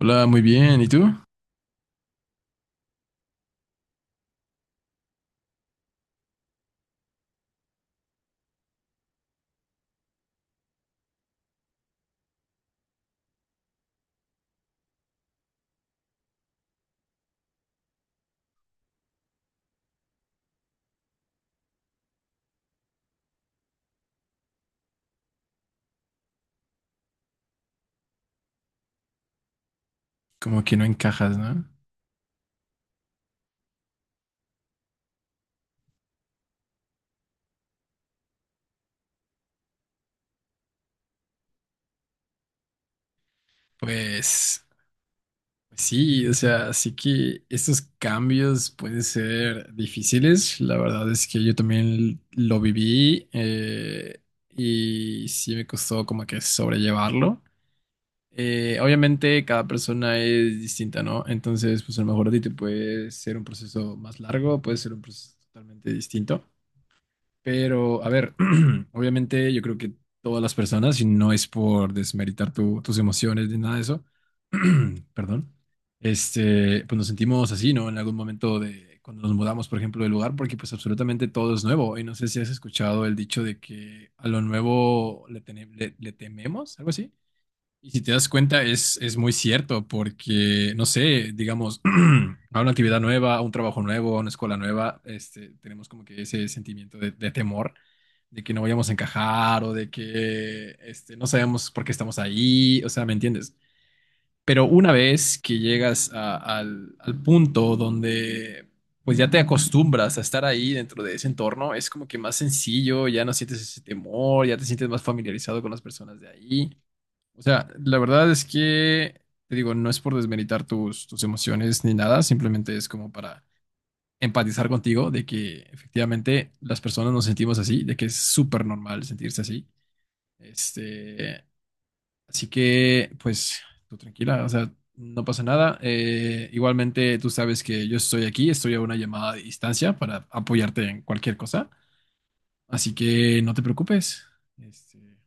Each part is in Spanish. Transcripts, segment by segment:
Hola, muy bien. ¿Y tú? Como que no encajas, ¿no? Pues pues sí, o sea, sí que estos cambios pueden ser difíciles. La verdad es que yo también lo viví y sí me costó como que sobrellevarlo. Obviamente cada persona es distinta, ¿no? Entonces, pues a lo mejor a ti te puede ser un proceso más largo, puede ser un proceso totalmente distinto. Pero, a ver, obviamente yo creo que todas las personas, y no es por desmeritar tus emociones ni nada de eso, perdón, pues nos sentimos así, ¿no? En algún momento de cuando nos mudamos, por ejemplo, del lugar, porque pues absolutamente todo es nuevo. Y no sé si has escuchado el dicho de que a lo nuevo le, tene- le le tememos, algo así. Y si te das cuenta, es muy cierto, porque, no sé, digamos, a una actividad nueva, a un trabajo nuevo, a una escuela nueva, tenemos como que ese sentimiento de temor, de que no vayamos a encajar o de que no sabemos por qué estamos ahí, o sea, ¿me entiendes? Pero una vez que llegas al punto donde pues ya te acostumbras a estar ahí dentro de ese entorno, es como que más sencillo, ya no sientes ese temor, ya te sientes más familiarizado con las personas de ahí. O sea, la verdad es que, te digo, no es por desmeritar tus emociones ni nada, simplemente es como para empatizar contigo de que efectivamente las personas nos sentimos así, de que es súper normal sentirse así. Este, Así que, pues, tú tranquila, o sea, no pasa nada. Igualmente, tú sabes que yo estoy aquí, estoy a una llamada de distancia para apoyarte en cualquier cosa, así que no te preocupes. Este,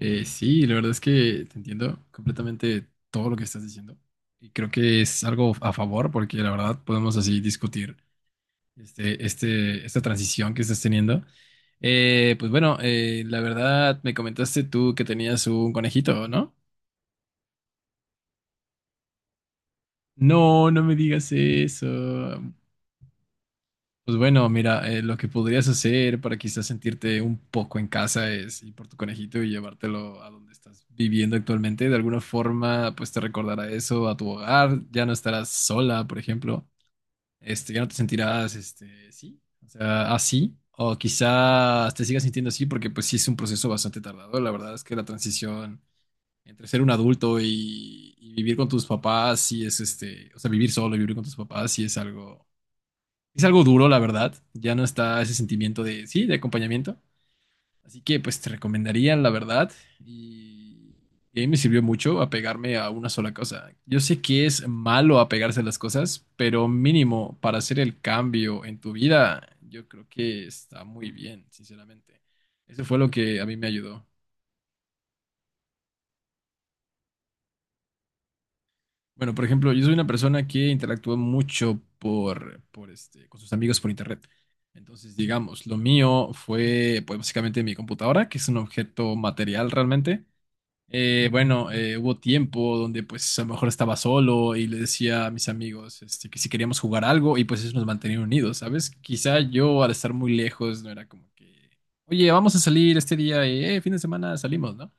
Sí, la verdad es que te entiendo completamente todo lo que estás diciendo y creo que es algo a favor porque la verdad podemos así discutir esta transición que estás teniendo. Pues bueno, la verdad me comentaste tú que tenías un conejito, ¿no? No, no me digas eso. Pues bueno, mira, lo que podrías hacer para quizás sentirte un poco en casa es ir por tu conejito y llevártelo a donde estás viviendo actualmente. De alguna forma, pues te recordará eso a tu hogar. Ya no estarás sola, por ejemplo. Ya no te sentirás, sí, o sea, así. O quizás te sigas sintiendo así porque pues sí es un proceso bastante tardado. La verdad es que la transición entre ser un adulto y vivir con tus papás, sí es o sea, vivir solo y vivir con tus papás, sí es algo duro, la verdad. Ya no está ese sentimiento de, sí, de acompañamiento. Así que pues te recomendaría, la verdad. Y, y a mí me sirvió mucho apegarme a una sola cosa. Yo sé que es malo apegarse a las cosas, pero mínimo para hacer el cambio en tu vida, yo creo que está muy bien, sinceramente. Eso fue lo que a mí me ayudó. Bueno, por ejemplo, yo soy una persona que interactúa mucho con sus amigos por internet. Entonces, digamos, lo mío fue, pues, básicamente mi computadora, que es un objeto material realmente. Bueno, hubo tiempo donde, pues, a lo mejor estaba solo y le decía a mis amigos, que si queríamos jugar algo y, pues, eso nos mantenía unidos, ¿sabes? Quizá yo, al estar muy lejos, no era como que, oye, vamos a salir este día, fin de semana salimos, ¿no?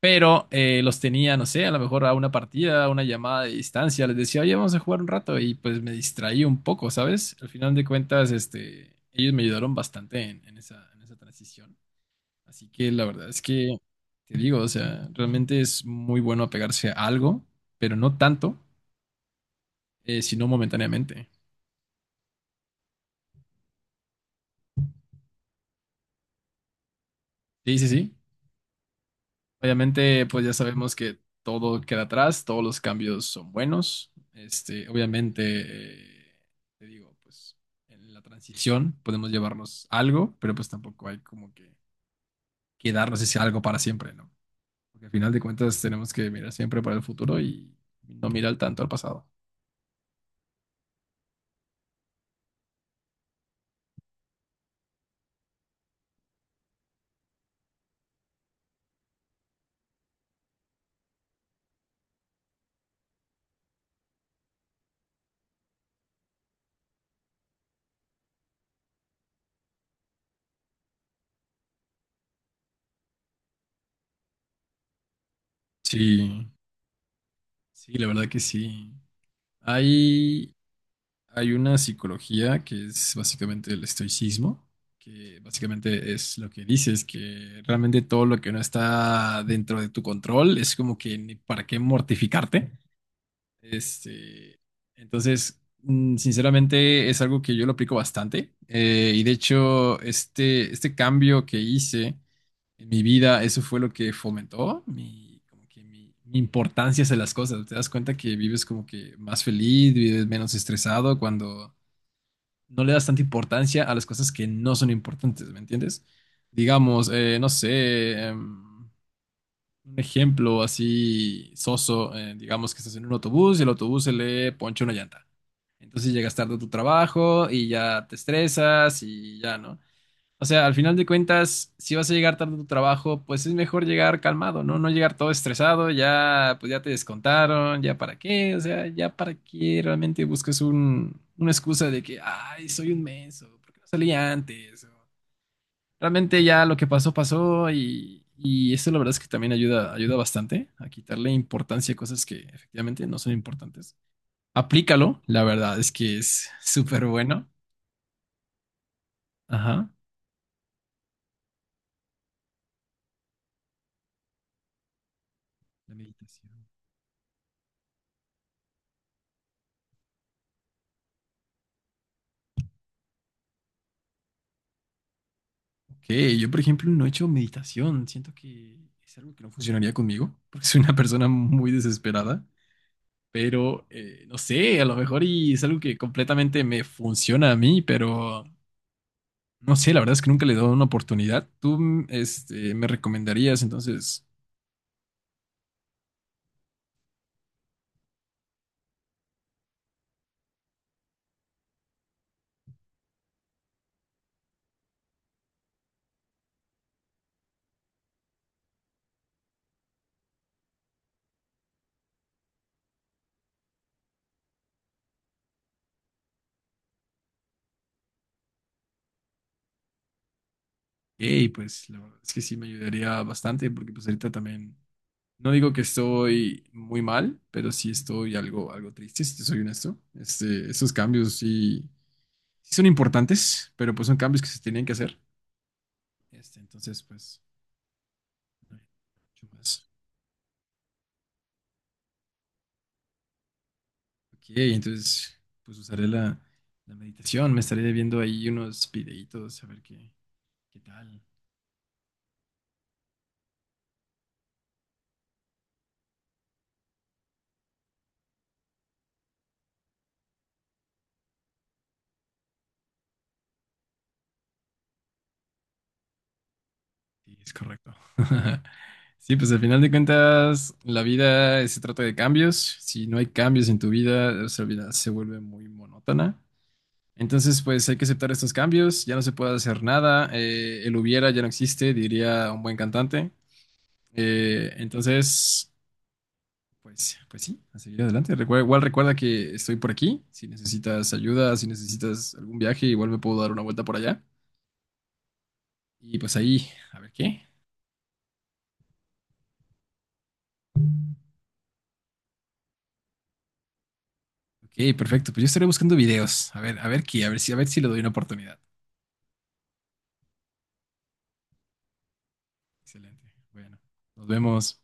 Pero los tenía, no sé, a lo mejor a una partida, a una llamada de distancia. Les decía, oye, vamos a jugar un rato. Y pues me distraí un poco, ¿sabes? Al final de cuentas, ellos me ayudaron bastante en esa transición. Así que la verdad es que, te digo, o sea, realmente es muy bueno apegarse a algo, pero no tanto, sino momentáneamente. Sí, sí, sí. Obviamente, pues ya sabemos que todo queda atrás, todos los cambios son buenos. Este, obviamente, eh, te digo, pues en la transición podemos llevarnos algo, pero pues tampoco hay como que quedarnos ese algo para siempre, ¿no? Porque al final de cuentas tenemos que mirar siempre para el futuro y no mirar tanto al pasado. Sí, sí, la verdad que sí. Hay Hay una psicología que es básicamente el estoicismo, que básicamente es lo que dices, que realmente todo lo que no está dentro de tu control es como que ni para qué mortificarte. Este, entonces, sinceramente es algo que yo lo aplico bastante. Y de hecho, este cambio que hice en mi vida, eso fue lo que fomentó mi, como que mi importancia hacia las cosas. Te das cuenta que vives como que más feliz, vives menos estresado cuando no le das tanta importancia a las cosas que no son importantes, ¿me entiendes? Digamos, no sé, un ejemplo así soso, digamos que estás en un autobús y el autobús se le poncha una llanta. Entonces llegas tarde a tu trabajo y ya te estresas y ya, ¿no? O sea, al final de cuentas, si vas a llegar tarde a tu trabajo, pues es mejor llegar calmado, ¿no? No llegar todo estresado, ya, pues ya te descontaron, ya para qué, o sea, ya para qué realmente buscas una excusa de que, ay, soy un menso, ¿por qué no salí antes? O, realmente ya lo que pasó, pasó y eso la verdad es que también ayuda, ayuda bastante a quitarle importancia a cosas que efectivamente no son importantes. Aplícalo, la verdad es que es súper bueno. Ajá. La meditación. Que yo, por ejemplo, no he hecho meditación. Siento que es algo que no funcionaría conmigo, porque soy una persona muy desesperada. Pero, no sé, a lo mejor y es algo que completamente me funciona a mí, pero no sé, la verdad es que nunca le he dado una oportunidad. Tú, me recomendarías, entonces, hey, pues la verdad es que sí me ayudaría bastante, porque pues ahorita también, no digo que estoy muy mal, pero sí estoy algo triste, si te soy honesto. Este, esos cambios sí son importantes, pero pues son cambios que se tenían que hacer. Este, entonces, pues, no hay mucho más. Ok, entonces, pues usaré la meditación, me estaré viendo ahí unos videitos a ver qué tal. Sí, es correcto. Sí, pues al final de cuentas, la vida se trata de cambios. Si no hay cambios en tu vida, nuestra vida se vuelve muy monótona. Entonces, pues hay que aceptar estos cambios. Ya no se puede hacer nada. El hubiera ya no existe, diría un buen cantante. Entonces, pues, pues sí, a seguir adelante. Igual recuerda que estoy por aquí. Si necesitas ayuda, si necesitas algún viaje, igual me puedo dar una vuelta por allá. Y pues ahí, a ver qué. Ok, perfecto. Pues yo estaré buscando videos. A ver qué, a ver si le doy una oportunidad. Excelente. Bueno, nos vemos.